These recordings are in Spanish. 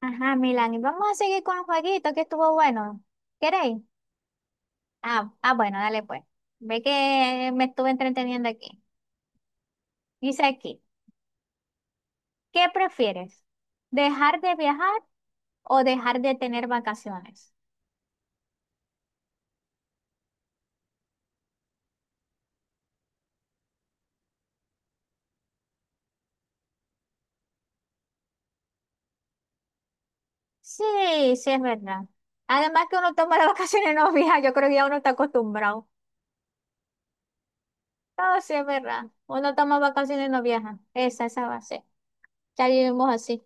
Ajá, Milán, y vamos a seguir con el jueguito que estuvo bueno. ¿Queréis? Ah, bueno, dale pues. Ve que me estuve entreteniendo aquí. Dice aquí, ¿qué prefieres? ¿Dejar de viajar o dejar de tener vacaciones? Sí, sí, es verdad. Además que uno toma las vacaciones y no viaja, yo creo que ya uno está acostumbrado. No, sí, es verdad. Uno toma vacaciones y no viaja. Esa va a ser. Ya vivimos así.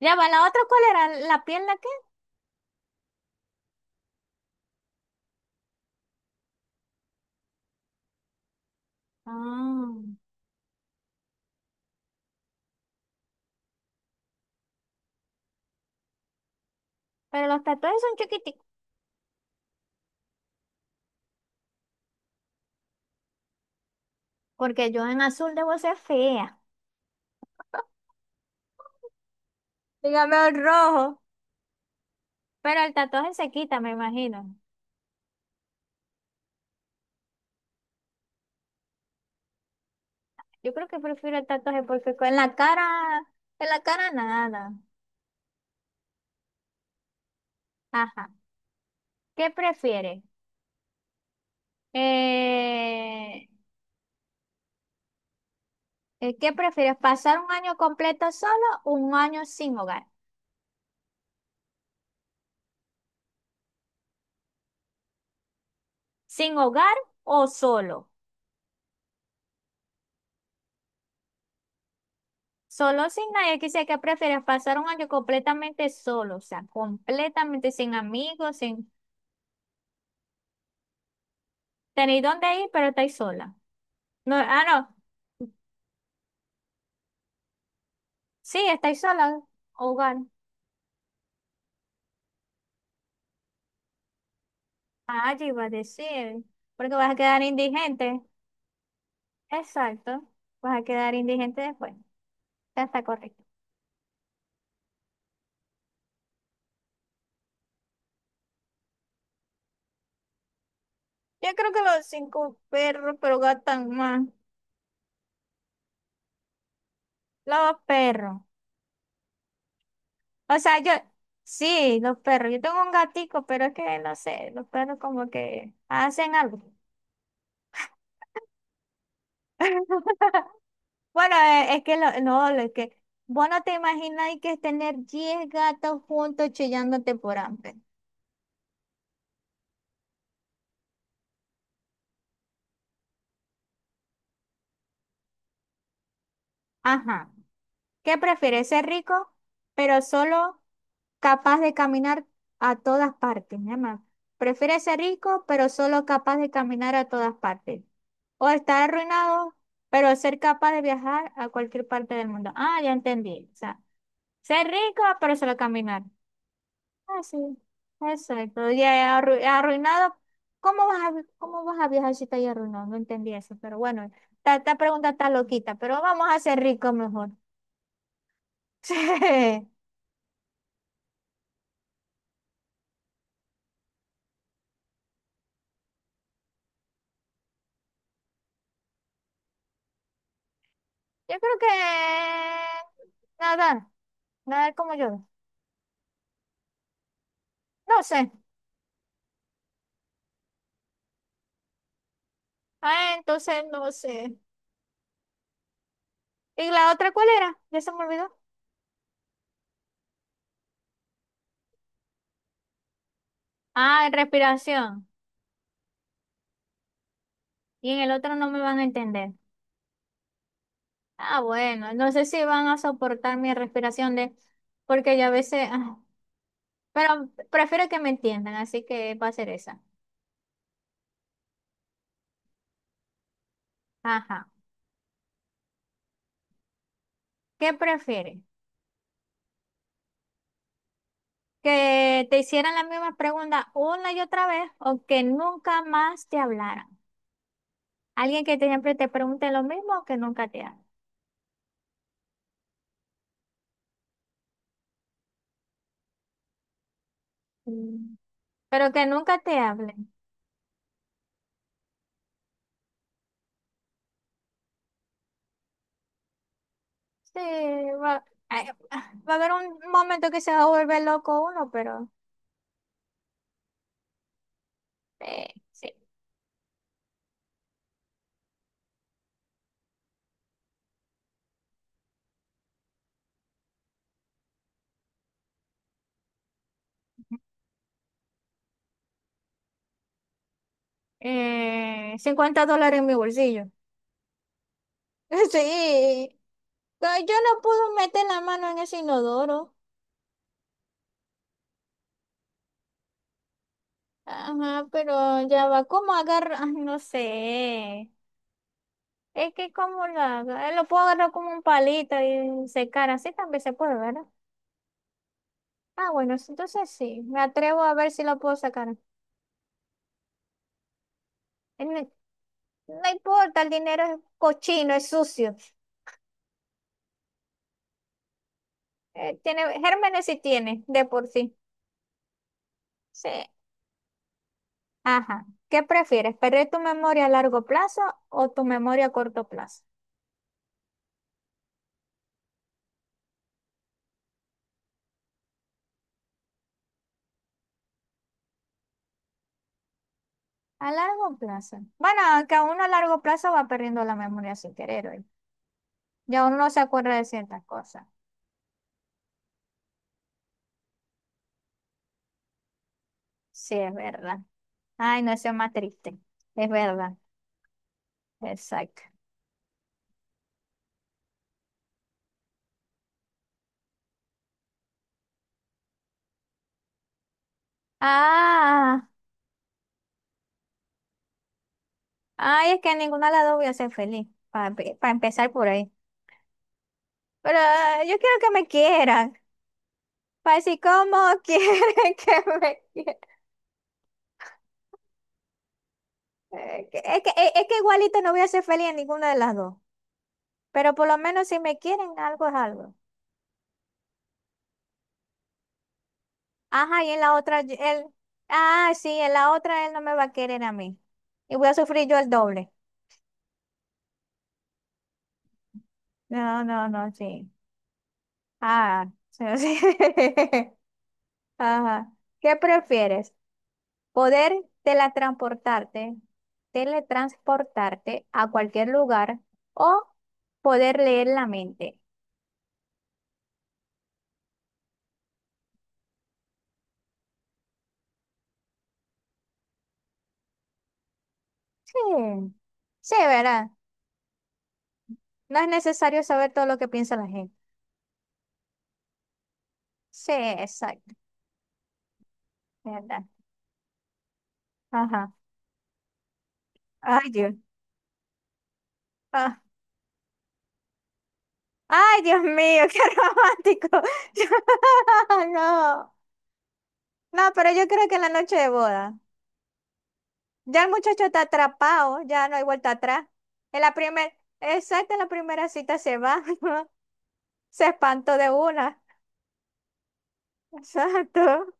Ya va, la otra, ¿cuál era? ¿La pierna qué? Ah, pero los tatuajes son chiquiticos. Porque yo en azul debo ser fea. Dígame un rojo. Pero el tatuaje se quita, me imagino. Yo creo que prefiero el tatuaje porque en la cara nada. Ajá. ¿Qué prefieres? Eh, ¿Qué prefieres? ¿Pasar un año completo solo o un año sin hogar? ¿Sin hogar o solo? Solo sin nadie. Quisiera que prefieres pasar un año completamente solo, o sea, completamente sin amigos, sin tener dónde ir, pero estáis sola. No, ah, no. Sí, estáis sola, hogar. Ah, yo iba a decir, porque vas a quedar indigente. Exacto, vas a quedar indigente después. Ya está correcto. Yo creo que los cinco perros, pero gastan más. Los perros. O sea, yo, sí, los perros. Yo tengo un gatico, pero es que no sé, los perros como que hacen algo. Bueno, es que no, es que vos no te imagináis que es tener 10 gatos juntos chillándote por hambre. Ajá. ¿Qué prefieres, ser rico, pero solo capaz de caminar a todas partes? Mi mamá. ¿Prefieres ser rico, pero solo capaz de caminar a todas partes? ¿O estar arruinado, pero ser capaz de viajar a cualquier parte del mundo? Ah, ya entendí. O sea, ser rico, pero solo caminar. Ah, sí. Exacto. Y arruinado. Cómo vas a viajar si estás arruinado? No entendí eso, pero bueno, esta pregunta está loquita, pero vamos a ser ricos mejor. Sí. Yo creo que nadar, nadar como yo. No sé. Ah, entonces no sé. ¿Y la otra cuál era? Ya se me olvidó. Ah, respiración. Y en el otro no me van a entender. Ah, bueno, no sé si van a soportar mi respiración de, porque yo a veces, ah, pero prefiero que me entiendan, así que va a ser esa. Ajá. ¿Qué prefieres? ¿Que te hicieran la misma pregunta una y otra vez o que nunca más te hablaran? Alguien siempre te pregunte lo mismo o que nunca te hable. Mm. Pero que nunca te hable. Sí, va, ay, va a haber un momento que se va a volver loco uno, pero sí. $50 en mi bolsillo. Sí. Pero yo no puedo meter la mano en ese inodoro. Ajá, pero ya va. ¿Cómo agarrar? No sé. Es que cómo lo hago. Lo puedo agarrar como un palito y secar. Así también se puede, ¿verdad? Ah, bueno, sí, entonces sí, me atrevo a ver si lo puedo sacar. No, no importa, el dinero es cochino, es sucio. Tiene, gérmenes sí tiene, de por sí. Sí. Ajá. ¿Qué prefieres? ¿Perder tu memoria a largo plazo o tu memoria a corto plazo? A largo plazo. Bueno, aunque uno a largo plazo va perdiendo la memoria sin querer hoy. Ya uno no se acuerda de ciertas cosas. Sí, es verdad. Ay, no, eso es más triste. Es verdad. Exacto. Ah. Ay, es que a ninguna de las dos voy a ser feliz, para empezar por ahí. Pero ah, yo quiero que me quieran, para decir cómo quieren que me quieran. Es que igualito no voy a ser feliz en ninguna de las dos, pero por lo menos si me quieren, algo es algo. Ajá, y en la otra, él, ah, sí, en la otra él no me va a querer a mí. Y voy a sufrir yo el doble. No, no, no, sí. Ah, sí, sí. Ajá. ¿Qué prefieres? Poder teletransportarte, teletransportarte a cualquier lugar o poder leer la mente. Sí, sí, ¿verdad? No es necesario saber todo lo que piensa la gente. Sí, exacto, ¿verdad? Ajá. Ay, Dios. Ah. Ay, Dios mío, qué romántico. No, no, pero yo creo que en la noche de boda. Ya el muchacho está atrapado, ya no hay vuelta atrás. En la primera, exacto, en la primera cita se va. Se espantó de una. Exacto.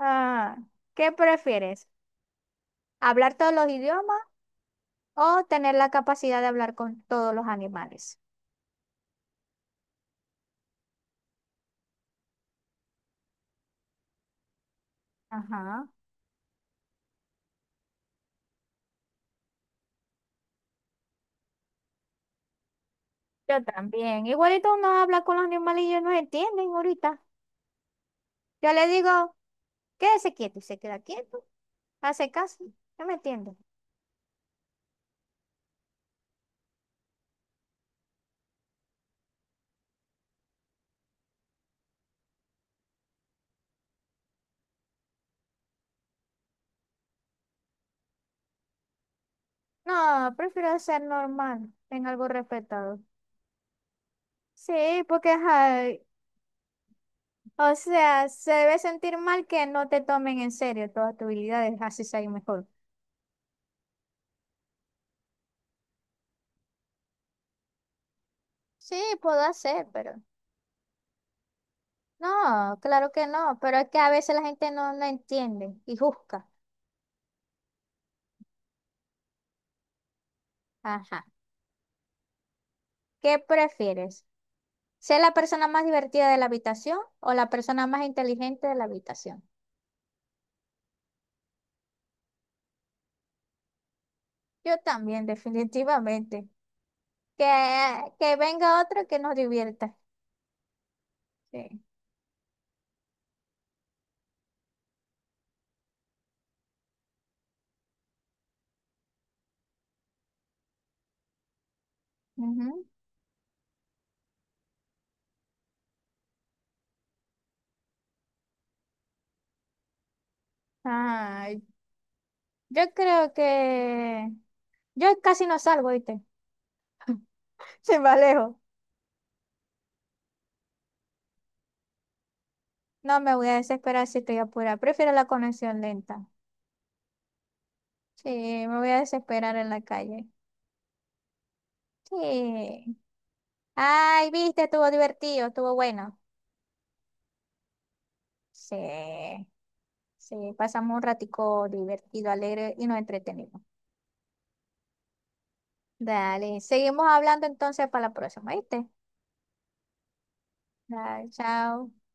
Ah, ¿qué prefieres? ¿Hablar todos los idiomas o tener la capacidad de hablar con todos los animales? Ajá. Yo también. Igualito uno habla con los animales y ellos no entienden ahorita. Yo le digo, quédese quieto y se queda quieto. Hace caso. No me entiende. No, prefiero ser normal, en algo respetado. Sí, porque, ay, o sea, se debe sentir mal que no te tomen en serio todas tus habilidades, así sea mejor. Sí, puedo hacer, pero no, claro que no, pero es que a veces la gente no entiende y juzga. Ajá. ¿Qué prefieres? ¿Ser la persona más divertida de la habitación o la persona más inteligente de la habitación? Yo también, definitivamente. Que, que venga otro que nos divierta. Sí. Ujú. Ay, yo creo que yo casi no salgo, ¿viste? Se me alejo. No me voy a desesperar si estoy apurada. Prefiero la conexión lenta. Sí, me voy a desesperar en la calle. Sí. Ay, viste, estuvo divertido, estuvo bueno. Sí, sí, pasamos un ratico divertido, alegre y nos entretenimos. Dale, seguimos hablando entonces para la próxima, ¿viste? Dale, chao.